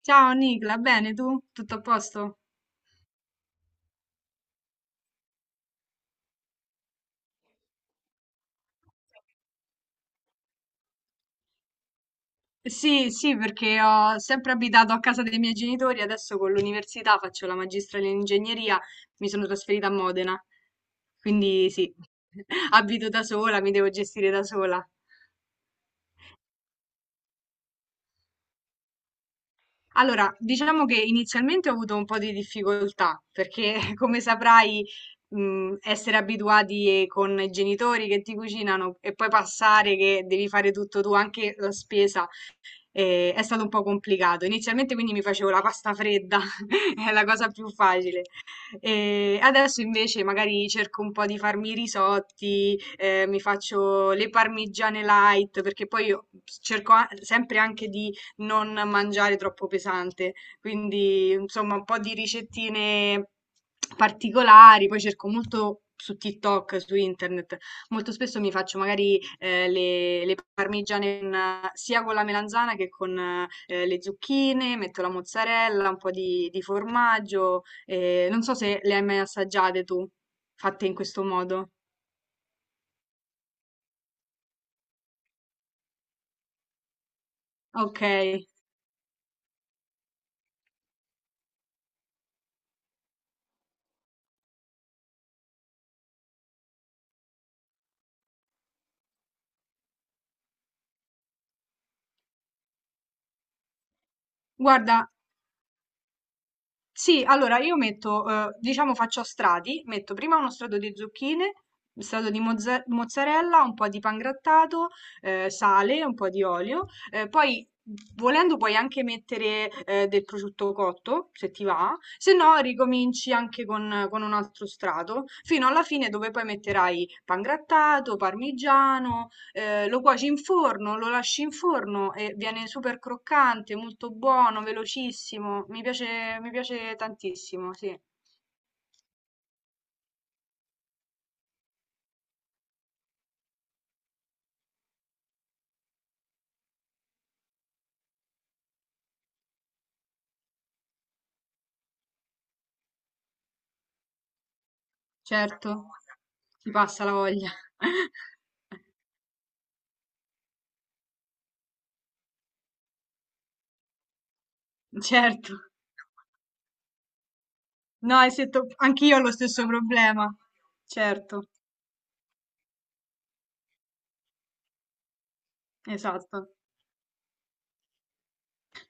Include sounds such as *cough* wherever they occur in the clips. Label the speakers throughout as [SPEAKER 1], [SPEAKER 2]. [SPEAKER 1] Ciao Nicla, bene tu? Tutto a posto? Sì, sì, perché ho sempre abitato a casa dei miei genitori, adesso con l'università faccio la magistrale in ingegneria, mi sono trasferita a Modena, quindi sì, *laughs* abito da sola, mi devo gestire da sola. Allora, diciamo che inizialmente ho avuto un po' di difficoltà, perché *laughs* come saprai, essere abituati con i genitori che ti cucinano e poi passare che devi fare tutto tu, anche la spesa. E è stato un po' complicato. Inizialmente quindi mi facevo la pasta fredda, *laughs* è la cosa più facile. E adesso invece magari cerco un po' di farmi i risotti, mi faccio le parmigiane light, perché poi io sempre anche di non mangiare troppo pesante. Quindi, insomma, un po' di ricettine particolari, poi cerco molto su TikTok, su internet. Molto spesso mi faccio magari, le parmigiane con sia con la melanzana che con, le zucchine, metto la mozzarella, un po' di formaggio, non so se le hai mai assaggiate tu, fatte in questo modo. Okay. Guarda, sì, allora io metto, diciamo faccio a strati, metto prima uno strato di zucchine, un strato di mozzarella, un po' di pangrattato, sale, un po' di olio, poi volendo puoi anche mettere del prosciutto cotto, se ti va, se no ricominci anche con un altro strato, fino alla fine dove poi metterai pangrattato, parmigiano. Lo cuoci in forno, lo lasci in forno e viene super croccante, molto buono, velocissimo. Mi piace tantissimo, sì, certo. Ti passa la voglia. *laughs* Certo. No, e se to anch'io ho lo stesso problema. Certo, esatto.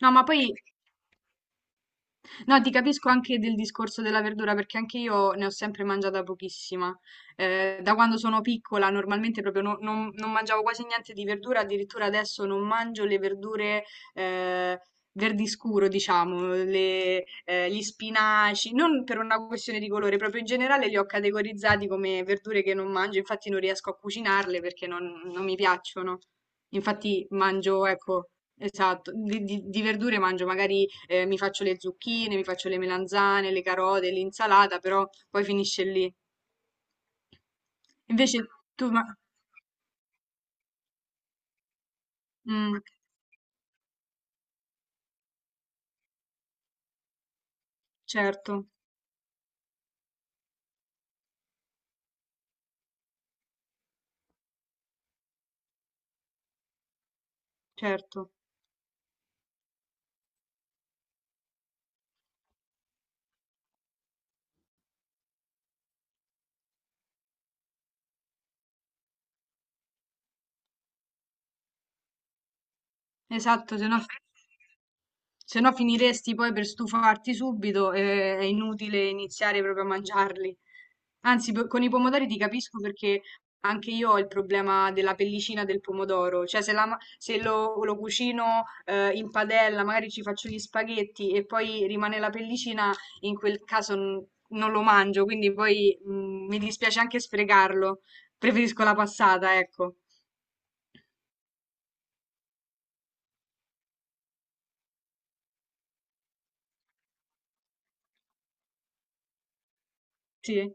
[SPEAKER 1] No, ma poi no, ti capisco anche del discorso della verdura perché anche io ne ho sempre mangiata pochissima. Da quando sono piccola normalmente proprio non, non mangiavo quasi niente di verdura, addirittura adesso non mangio le verdure eh, verdi scuro, diciamo, gli spinaci, non per una questione di colore, proprio in generale li ho categorizzati come verdure che non mangio, infatti non riesco a cucinarle perché non mi piacciono. Infatti mangio, ecco. Esatto, di verdure mangio, magari mi faccio le zucchine, mi faccio le melanzane, le carote, l'insalata, però poi finisce lì. Invece tu, ma... Mm, certo, certo. Esatto, se no, se no finiresti poi per stufarti subito e è inutile iniziare proprio a mangiarli. Anzi, con i pomodori ti capisco perché anche io ho il problema della pellicina del pomodoro. Cioè, se, se lo, lo cucino in padella, magari ci faccio gli spaghetti e poi rimane la pellicina, in quel caso non lo mangio, quindi poi mi dispiace anche sprecarlo. Preferisco la passata, ecco. Sì.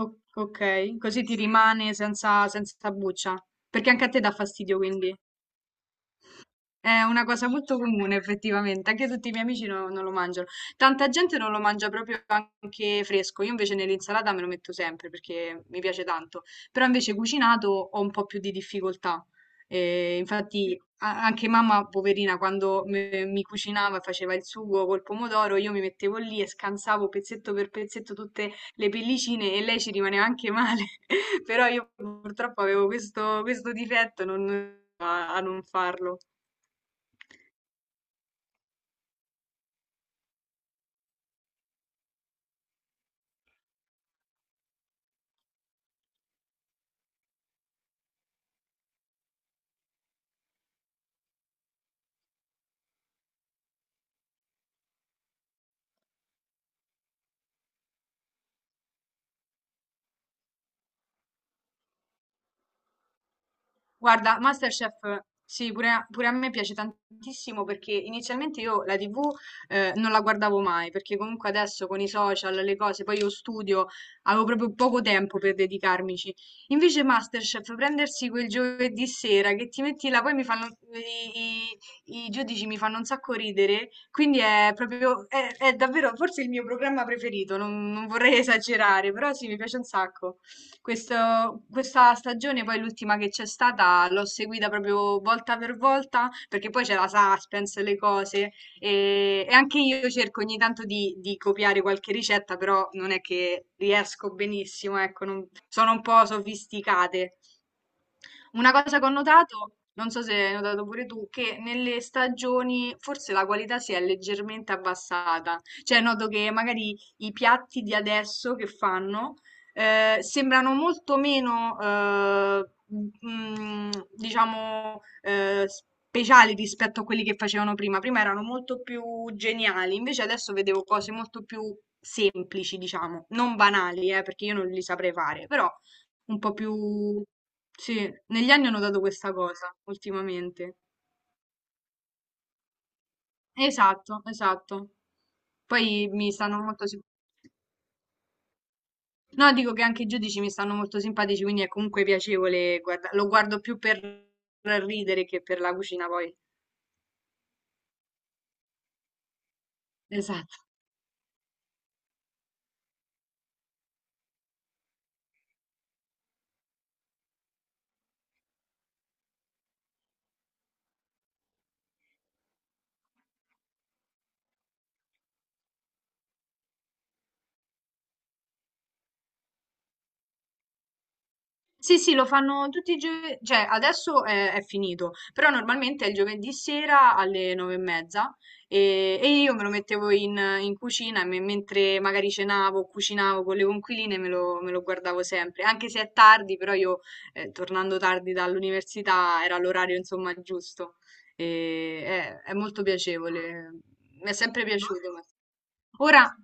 [SPEAKER 1] O- ok, così ti rimane senza, senza buccia. Perché anche a te dà fastidio, quindi. È una cosa molto comune effettivamente, anche tutti i miei amici non lo mangiano. Tanta gente non lo mangia proprio anche fresco, io invece nell'insalata me lo metto sempre perché mi piace tanto, però invece cucinato ho un po' più di difficoltà. Infatti anche mamma, poverina, quando mi cucinava e faceva il sugo col pomodoro, io mi mettevo lì e scansavo pezzetto per pezzetto tutte le pellicine e lei ci rimaneva anche male, *laughs* però io purtroppo avevo questo, questo difetto a a non farlo. Guarda, MasterChef, sì, pure a, pure a me piace tantissimo perché inizialmente io la TV non la guardavo mai, perché comunque adesso con i social, le cose, poi io studio, avevo proprio poco tempo per dedicarmici. Invece MasterChef, prendersi quel giovedì sera che ti metti là, poi mi fanno, i, i giudici mi fanno un sacco ridere, quindi è proprio, è davvero forse il mio programma preferito, non vorrei esagerare, però sì, mi piace un sacco. Questa stagione, poi l'ultima che c'è stata, l'ho seguita proprio volta per volta, perché poi c'è la suspense, le cose, e anche io cerco ogni tanto di copiare qualche ricetta, però non è che riesco benissimo, ecco, sono un po' sofisticate. Una cosa che ho notato, non so se hai notato pure tu, che nelle stagioni forse la qualità si è leggermente abbassata. Cioè, noto che magari i piatti di adesso che fanno sembrano molto meno, mm, diciamo, speciali rispetto a quelli che facevano prima. Prima erano molto più geniali, invece adesso vedevo cose molto più semplici, diciamo, non banali, perché io non li saprei fare, però un po' più sì, negli anni ho notato questa cosa ultimamente. Esatto, esatto. Poi mi stanno molto sim no, dico che anche i giudici mi stanno molto simpatici, quindi è comunque piacevole guarda lo guardo più per ridere che per la cucina poi. Esatto. Sì, sì, lo fanno tutti i giovedì, cioè adesso è finito, però normalmente è il giovedì sera alle nove e mezza e io me lo mettevo in, in cucina e mentre magari cenavo, o cucinavo con le conquiline me lo guardavo sempre, anche se è tardi, però io tornando tardi dall'università era l'orario insomma giusto e è molto piacevole, mi è sempre piaciuto. Ora...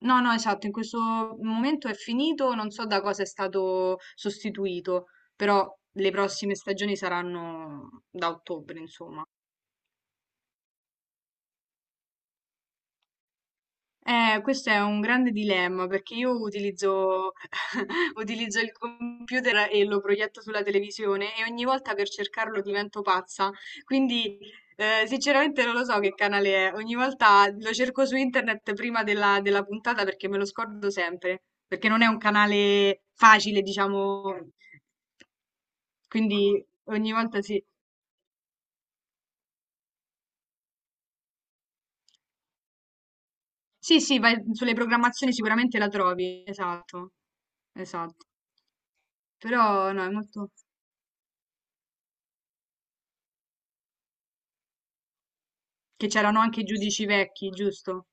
[SPEAKER 1] No, no, esatto, in questo momento è finito, non so da cosa è stato sostituito, però le prossime stagioni saranno da ottobre, insomma. Questo è un grande dilemma perché io utilizzo, *laughs* utilizzo il computer e lo proietto sulla televisione e ogni volta per cercarlo divento pazza. Quindi, sinceramente non lo so che canale è. Ogni volta lo cerco su internet prima della, della puntata perché me lo scordo sempre, perché non è un canale facile, diciamo. Quindi ogni volta sì. Sì, sì, vai sulle programmazioni sicuramente la trovi, esatto, esatto. Però no, è molto... Che c'erano anche i giudici vecchi, giusto?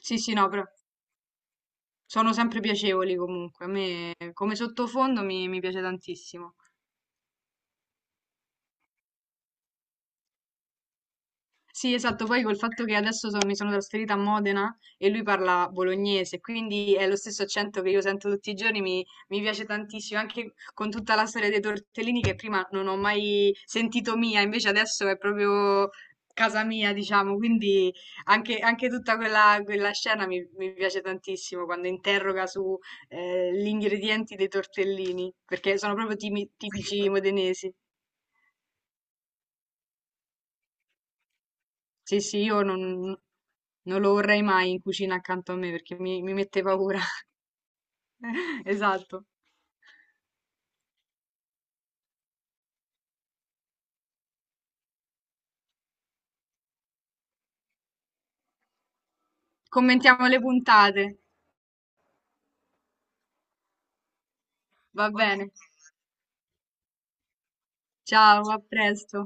[SPEAKER 1] Sì, sì, no, però sono sempre piacevoli comunque. A me come sottofondo mi, mi piace tantissimo. Sì, esatto, poi col fatto che adesso mi sono trasferita a Modena e lui parla bolognese, quindi è lo stesso accento che io sento tutti i giorni, mi piace tantissimo, anche con tutta la storia dei tortellini che prima non ho mai sentito mia, invece adesso è proprio casa mia, diciamo, quindi anche, anche tutta quella, quella scena mi, mi piace tantissimo quando interroga su gli ingredienti dei tortellini, perché sono proprio tipici *laughs* modenesi. Sì, sì, io non, non lo vorrei mai in cucina accanto a me perché mi mette paura. *laughs* Esatto. Commentiamo le puntate. Va bene. Ciao, a presto.